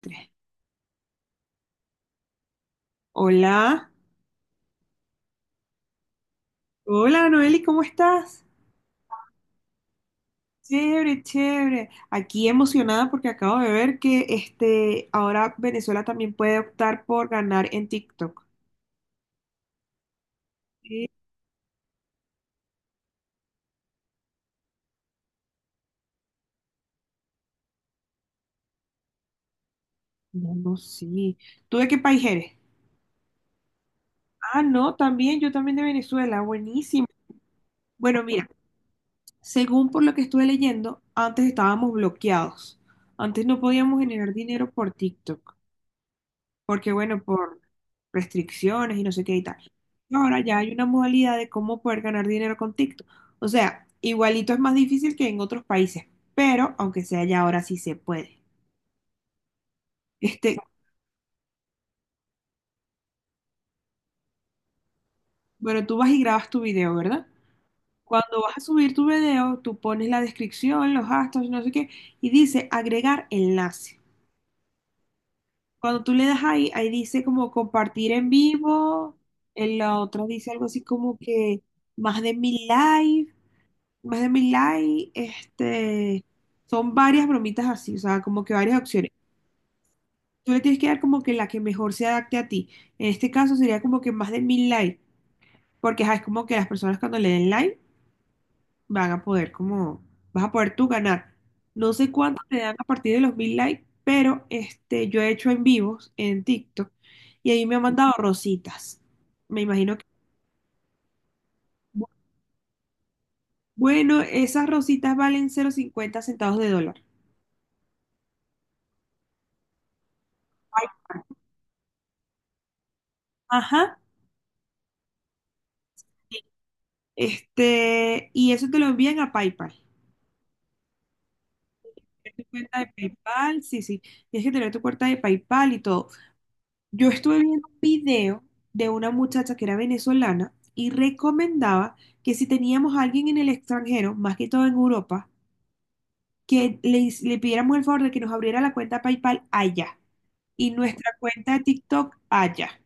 Tres. Hola, hola Noeli, ¿cómo estás? Chévere, chévere. Aquí emocionada porque acabo de ver que ahora Venezuela también puede optar por ganar en TikTok. Sí. No, no, sí. ¿Tú de qué país eres? Ah, no, también, yo también de Venezuela, buenísimo. Bueno, mira, según por lo que estuve leyendo, antes estábamos bloqueados. Antes no podíamos generar dinero por TikTok. Porque bueno, por restricciones y no sé qué y tal. Ahora ya hay una modalidad de cómo poder ganar dinero con TikTok. O sea, igualito es más difícil que en otros países, pero aunque sea ya ahora sí se puede. Este, bueno, tú vas y grabas tu video, ¿verdad? Cuando vas a subir tu video, tú pones la descripción, los hashtags, no sé qué, y dice agregar enlace. Cuando tú le das ahí, ahí dice como compartir en vivo, en la otra dice algo así como que más de 1.000 likes. Más de mil likes, son varias bromitas así, o sea, como que varias opciones. Tú le tienes que dar como que la que mejor se adapte a ti. En este caso sería como que más de 1.000 likes, porque ajá, es como que las personas cuando le den like van a poder como, vas a poder tú ganar. No sé cuánto te dan a partir de los 1.000 likes, pero yo he hecho en vivos en TikTok y ahí me han mandado rositas. Me imagino que, bueno, esas rositas valen 0,50 centavos de dólar. Ajá. Y eso te lo envían a PayPal. Es tu cuenta de PayPal, sí, sí. Tienes que tener tu cuenta de PayPal y todo. Yo estuve viendo un video de una muchacha que era venezolana y recomendaba que si teníamos a alguien en el extranjero, más que todo en Europa, que le pidiéramos el favor de que nos abriera la cuenta PayPal allá y nuestra cuenta de TikTok allá.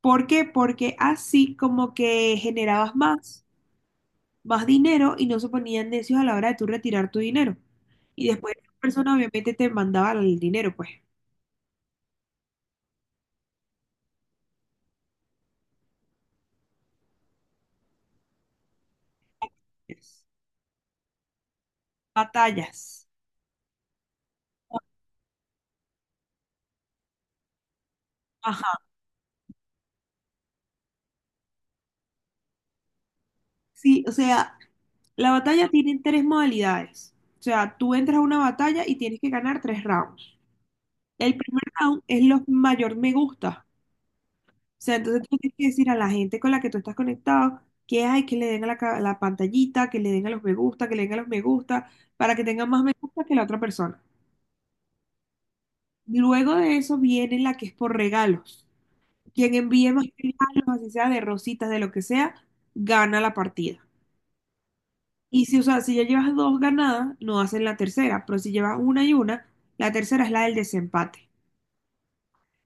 ¿Por qué? Porque así como que generabas más dinero y no se ponían necios a la hora de tú retirar tu dinero. Y después esa persona obviamente te mandaba el dinero, pues. Yes. Batallas. Ajá. Sí, o sea, la batalla tiene tres modalidades. O sea, tú entras a una batalla y tienes que ganar tres rounds. El primer round es los mayor me gusta. O sea, entonces tú tienes que decir a la gente con la que tú estás conectado que hay que le den a la pantallita, que le den a los me gusta, que le den a los me gusta, para que tengan más me gusta que la otra persona. Luego de eso viene la que es por regalos. Quien envíe más regalos, así sea de rositas, de lo que sea, gana la partida. Y si, o sea, si ya llevas dos ganadas, no hacen la tercera, pero si llevas una y una, la tercera es la del desempate.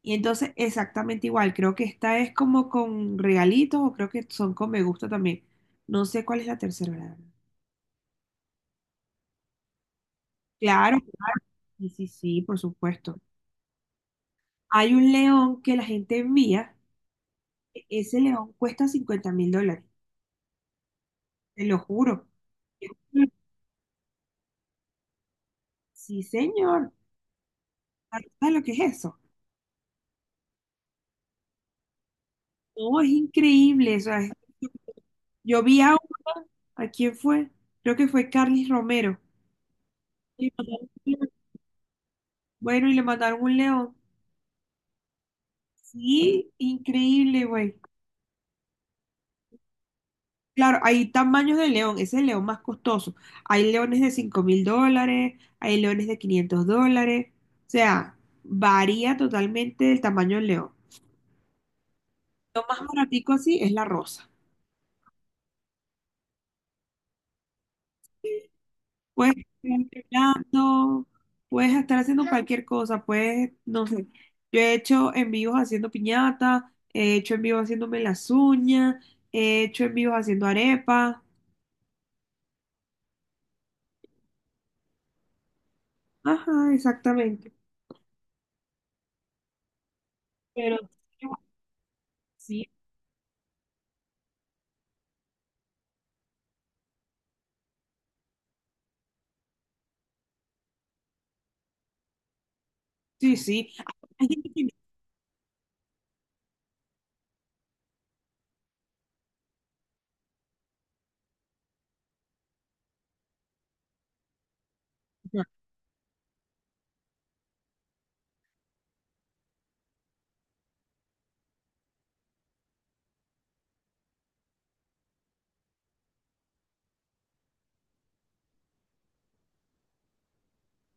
Y entonces exactamente igual, creo que esta es como con regalitos o creo que son con me gusta también. No sé cuál es la tercera, la verdad. Claro, sí, sí, sí, por supuesto. Hay un león que la gente envía, ese león cuesta $50.000. Te lo juro. Sí, señor. ¿Sabes lo que es eso? Oh, es increíble. O sea, yo vi ¿a quién fue? Creo que fue Carlos Romero. Y mandaron un león. Bueno, y le mandaron un león. Sí, increíble, güey. Claro, hay tamaños de león. Ese es el león más costoso. Hay leones de $5.000, hay leones de $500. O sea, varía totalmente el tamaño del león. Lo más baratico así es la rosa. Puedes estar bailando, puedes estar haciendo cualquier cosa, puedes, no sé. Yo he hecho en envíos haciendo piñata, he hecho en envíos haciéndome las uñas, he hecho en envíos haciendo arepas. Ajá, exactamente. Pero sí, sí, sí. Hay gente que inventa.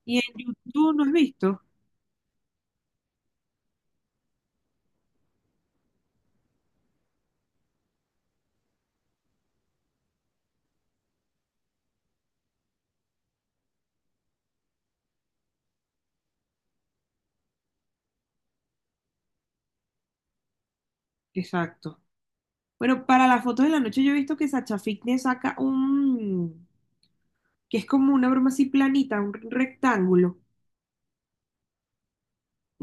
Y en YouTube no has visto. Exacto. Bueno, para las fotos de la noche yo he visto que Sacha Fitness saca un, que es como una broma así planita, un rectángulo.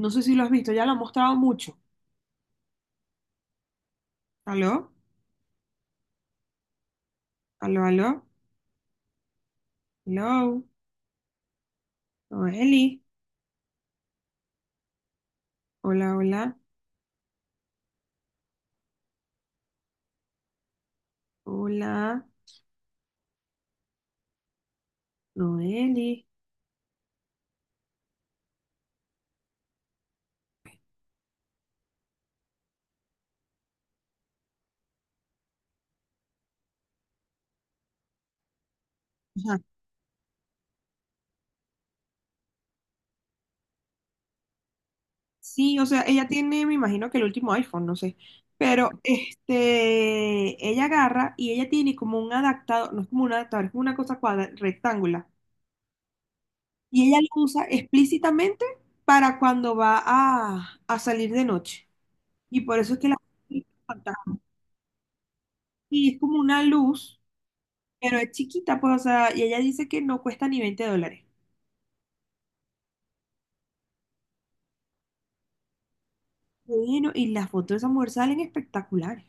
No sé si lo has visto, ya lo ha mostrado mucho. ¿Aló? Aló, aló, hello, Noeli, hola, hola, hola, Noeli. Ajá. Sí, o sea, ella tiene, me imagino que el último iPhone, no sé, pero ella agarra y ella tiene como un adaptador, no es como un adaptador, es como una cosa cuadra, rectangular, y ella lo usa explícitamente para cuando va a salir de noche, y por eso es que la... Y es como una luz, pero es chiquita, pues, o sea, y ella dice que no cuesta ni $20. Bueno, y las fotos de esa mujer salen espectaculares.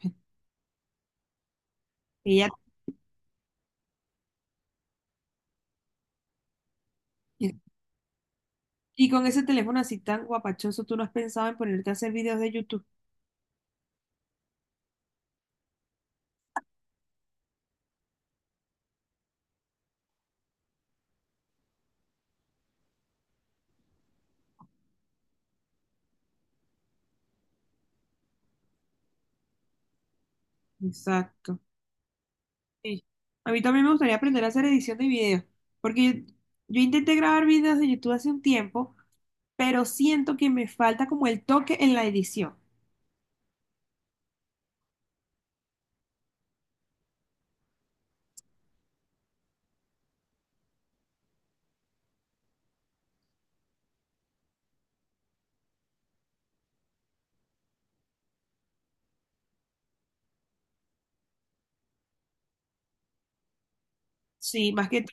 Ella, y con ese teléfono así tan guapachoso, tú no has pensado en ponerte a hacer videos de YouTube. Exacto. Sí. A mí también me gustaría aprender a hacer edición de videos, porque yo intenté grabar videos de YouTube hace un tiempo, pero siento que me falta como el toque en la edición. Sí, más que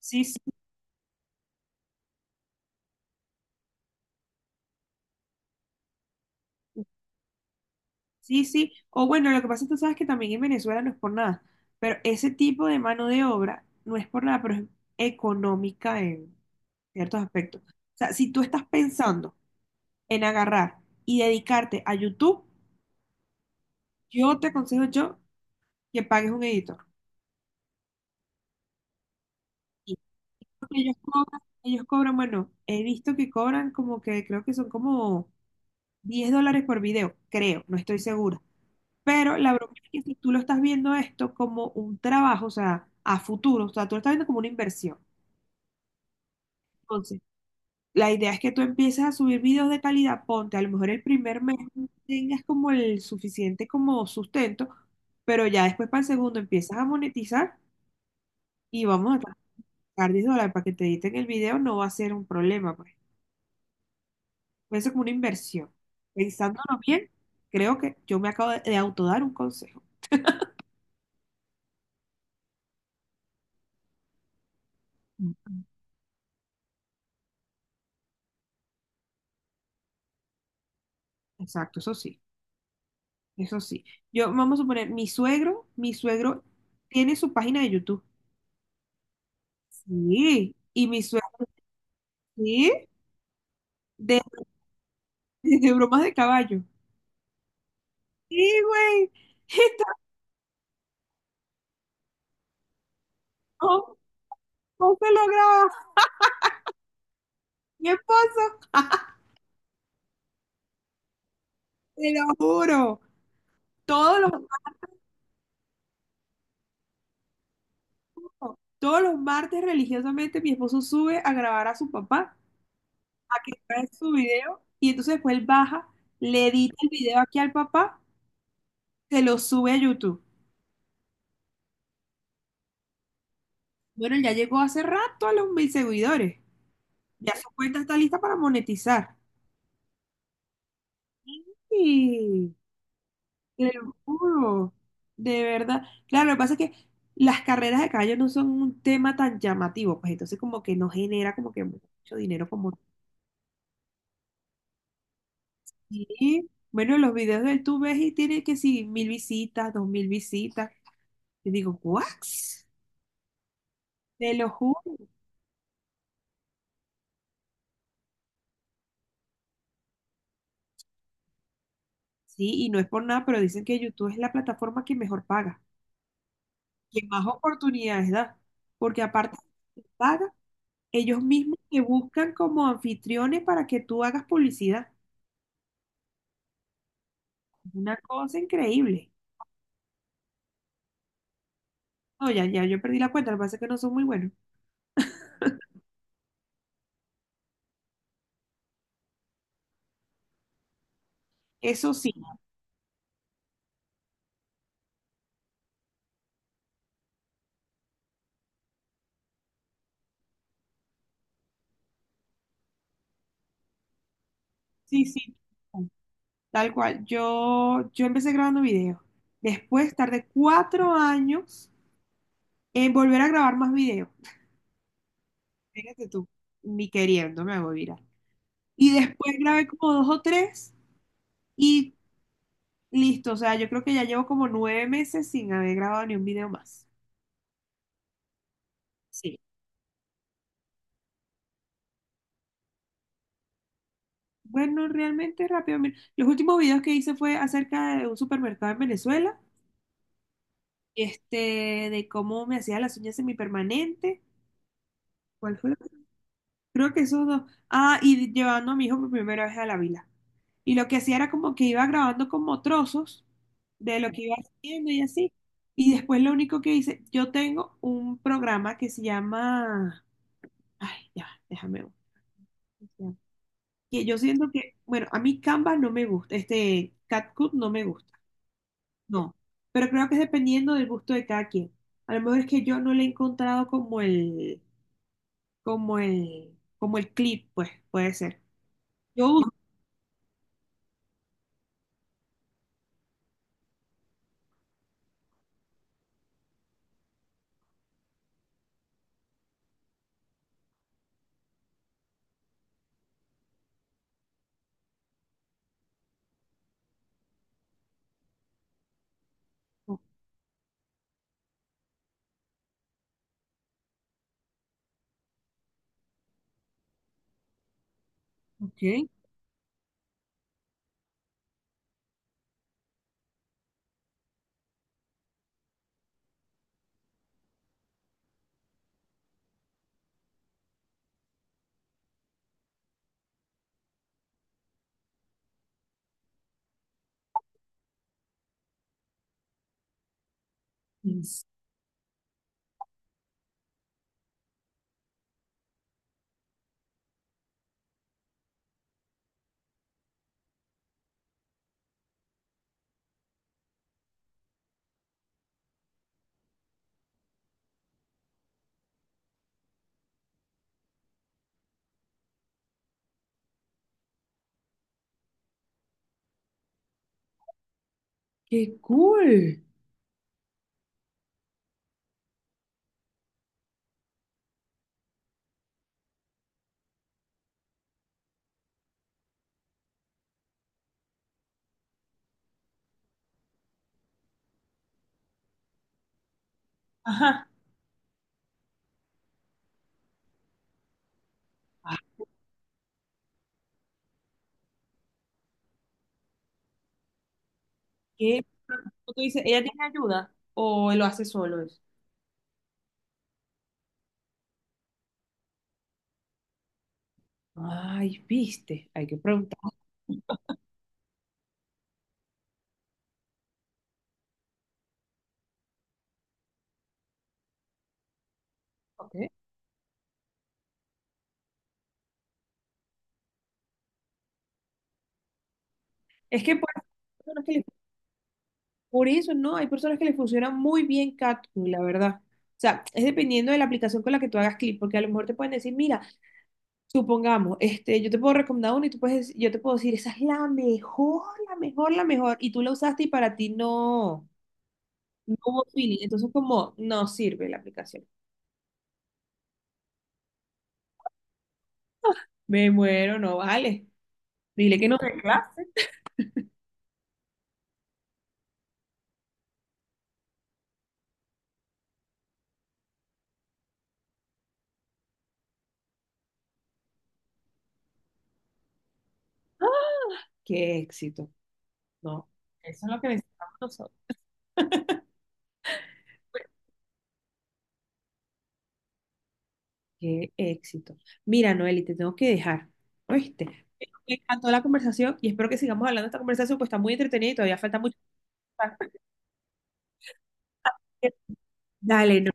sí, sí, sí, sí. O bueno, lo que pasa es que tú sabes que también en Venezuela no es por nada, pero ese tipo de mano de obra no es por nada, pero es económica en ciertos aspectos. O sea, si tú estás pensando en agarrar y dedicarte a YouTube, yo te aconsejo yo que pagues un editor. Y porque ellos cobran, bueno, he visto que cobran como que creo que son como $10 por video, creo, no estoy segura. Pero la broma es que si tú lo estás viendo esto como un trabajo, o sea, a futuro, o sea, tú lo estás viendo como una inversión. Entonces, la idea es que tú empieces a subir videos de calidad, ponte, a lo mejor el primer mes no tengas como el suficiente como sustento, pero ya después para el segundo empiezas a monetizar y vamos a pagar $10 para que te editen el video, no va a ser un problema, pues. Puede ser como una inversión. Pensándolo bien, creo que yo me acabo de autodar un consejo. Exacto, eso sí, eso sí. Yo, vamos a suponer, mi suegro tiene su página de YouTube. Sí, y mi suegro, sí, de, de bromas de caballo. Sí, güey. Y tampoco no se lo graba mi esposo. Te lo juro. Todos los, no, todos los martes religiosamente mi esposo sube a grabar a su papá, a que grabe su video. Y entonces después él baja, le edita el video aquí al papá, se lo sube a YouTube. Bueno, él ya llegó hace rato a los 1.000 seguidores. Ya su cuenta está lista para monetizar. Y. Te lo juro, de verdad. Claro, lo que pasa es que las carreras de caballo no son un tema tan llamativo, pues entonces como que no genera como que mucho dinero como... Sí. Bueno, los videos de él tú ves y tiene que sí, 1.000 visitas, 2.000 visitas. Y digo, ¿what? Te lo juro. Sí, y no es por nada, pero dicen que YouTube es la plataforma que mejor paga, que más oportunidades da, porque aparte de que paga, ellos mismos te buscan como anfitriones para que tú hagas publicidad. Una cosa increíble. No, ya, ya, yo perdí la cuenta, lo que pasa es que no son muy buenos. Eso sí, sí, sí, tal cual. Yo empecé grabando videos. Después tardé 4 años en volver a grabar más videos. Fíjate tú, ni queriendo me hago viral. Y después grabé como dos o tres y listo. O sea, yo creo que ya llevo como 9 meses sin haber grabado ni un video más. Sí. Bueno, realmente rápido. Mira, los últimos videos que hice fue acerca de un supermercado en Venezuela, de cómo me hacía las uñas semipermanentes. ¿Cuál fue? Creo que esos dos. Ah, y llevando a mi hijo por primera vez a la vila. Y lo que hacía era como que iba grabando como trozos de lo que iba haciendo y así. Y después lo único que hice, yo tengo un programa que se llama, ay, ya, déjame ver. Ya. Que yo siento que, bueno, a mí Canva no me gusta, este CapCut no me gusta, no. Pero creo que es dependiendo del gusto de cada quien. A lo mejor es que yo no le he encontrado como el, como el clip, pues, puede ser. Yo uso. Ok. Yes. Qué cool. Ajá. Ah, ¿qué? Tú dices, ¿ella tiene ayuda o él lo hace solo eso? Ay, viste, hay que preguntar. Ok. Es que por, personas que le- por eso no, hay personas que les funciona muy bien Catwoman, la verdad. O sea, es dependiendo de la aplicación con la que tú hagas clip porque a lo mejor te pueden decir, mira, supongamos, yo te puedo recomendar una y tú puedes, yo te puedo decir, esa es la mejor, la mejor, la mejor, y tú la usaste y para ti no, no hubo feeling, entonces como, no sirve la aplicación. Me muero, no vale. Dile que no reclame. Qué éxito, no. Eso es lo que necesitamos nosotros. Qué éxito. Mira, Noeli, te tengo que dejar, ¿oíste? Me encantó la conversación y espero que sigamos hablando de esta conversación, pues está muy entretenida y todavía falta mucho. Dale,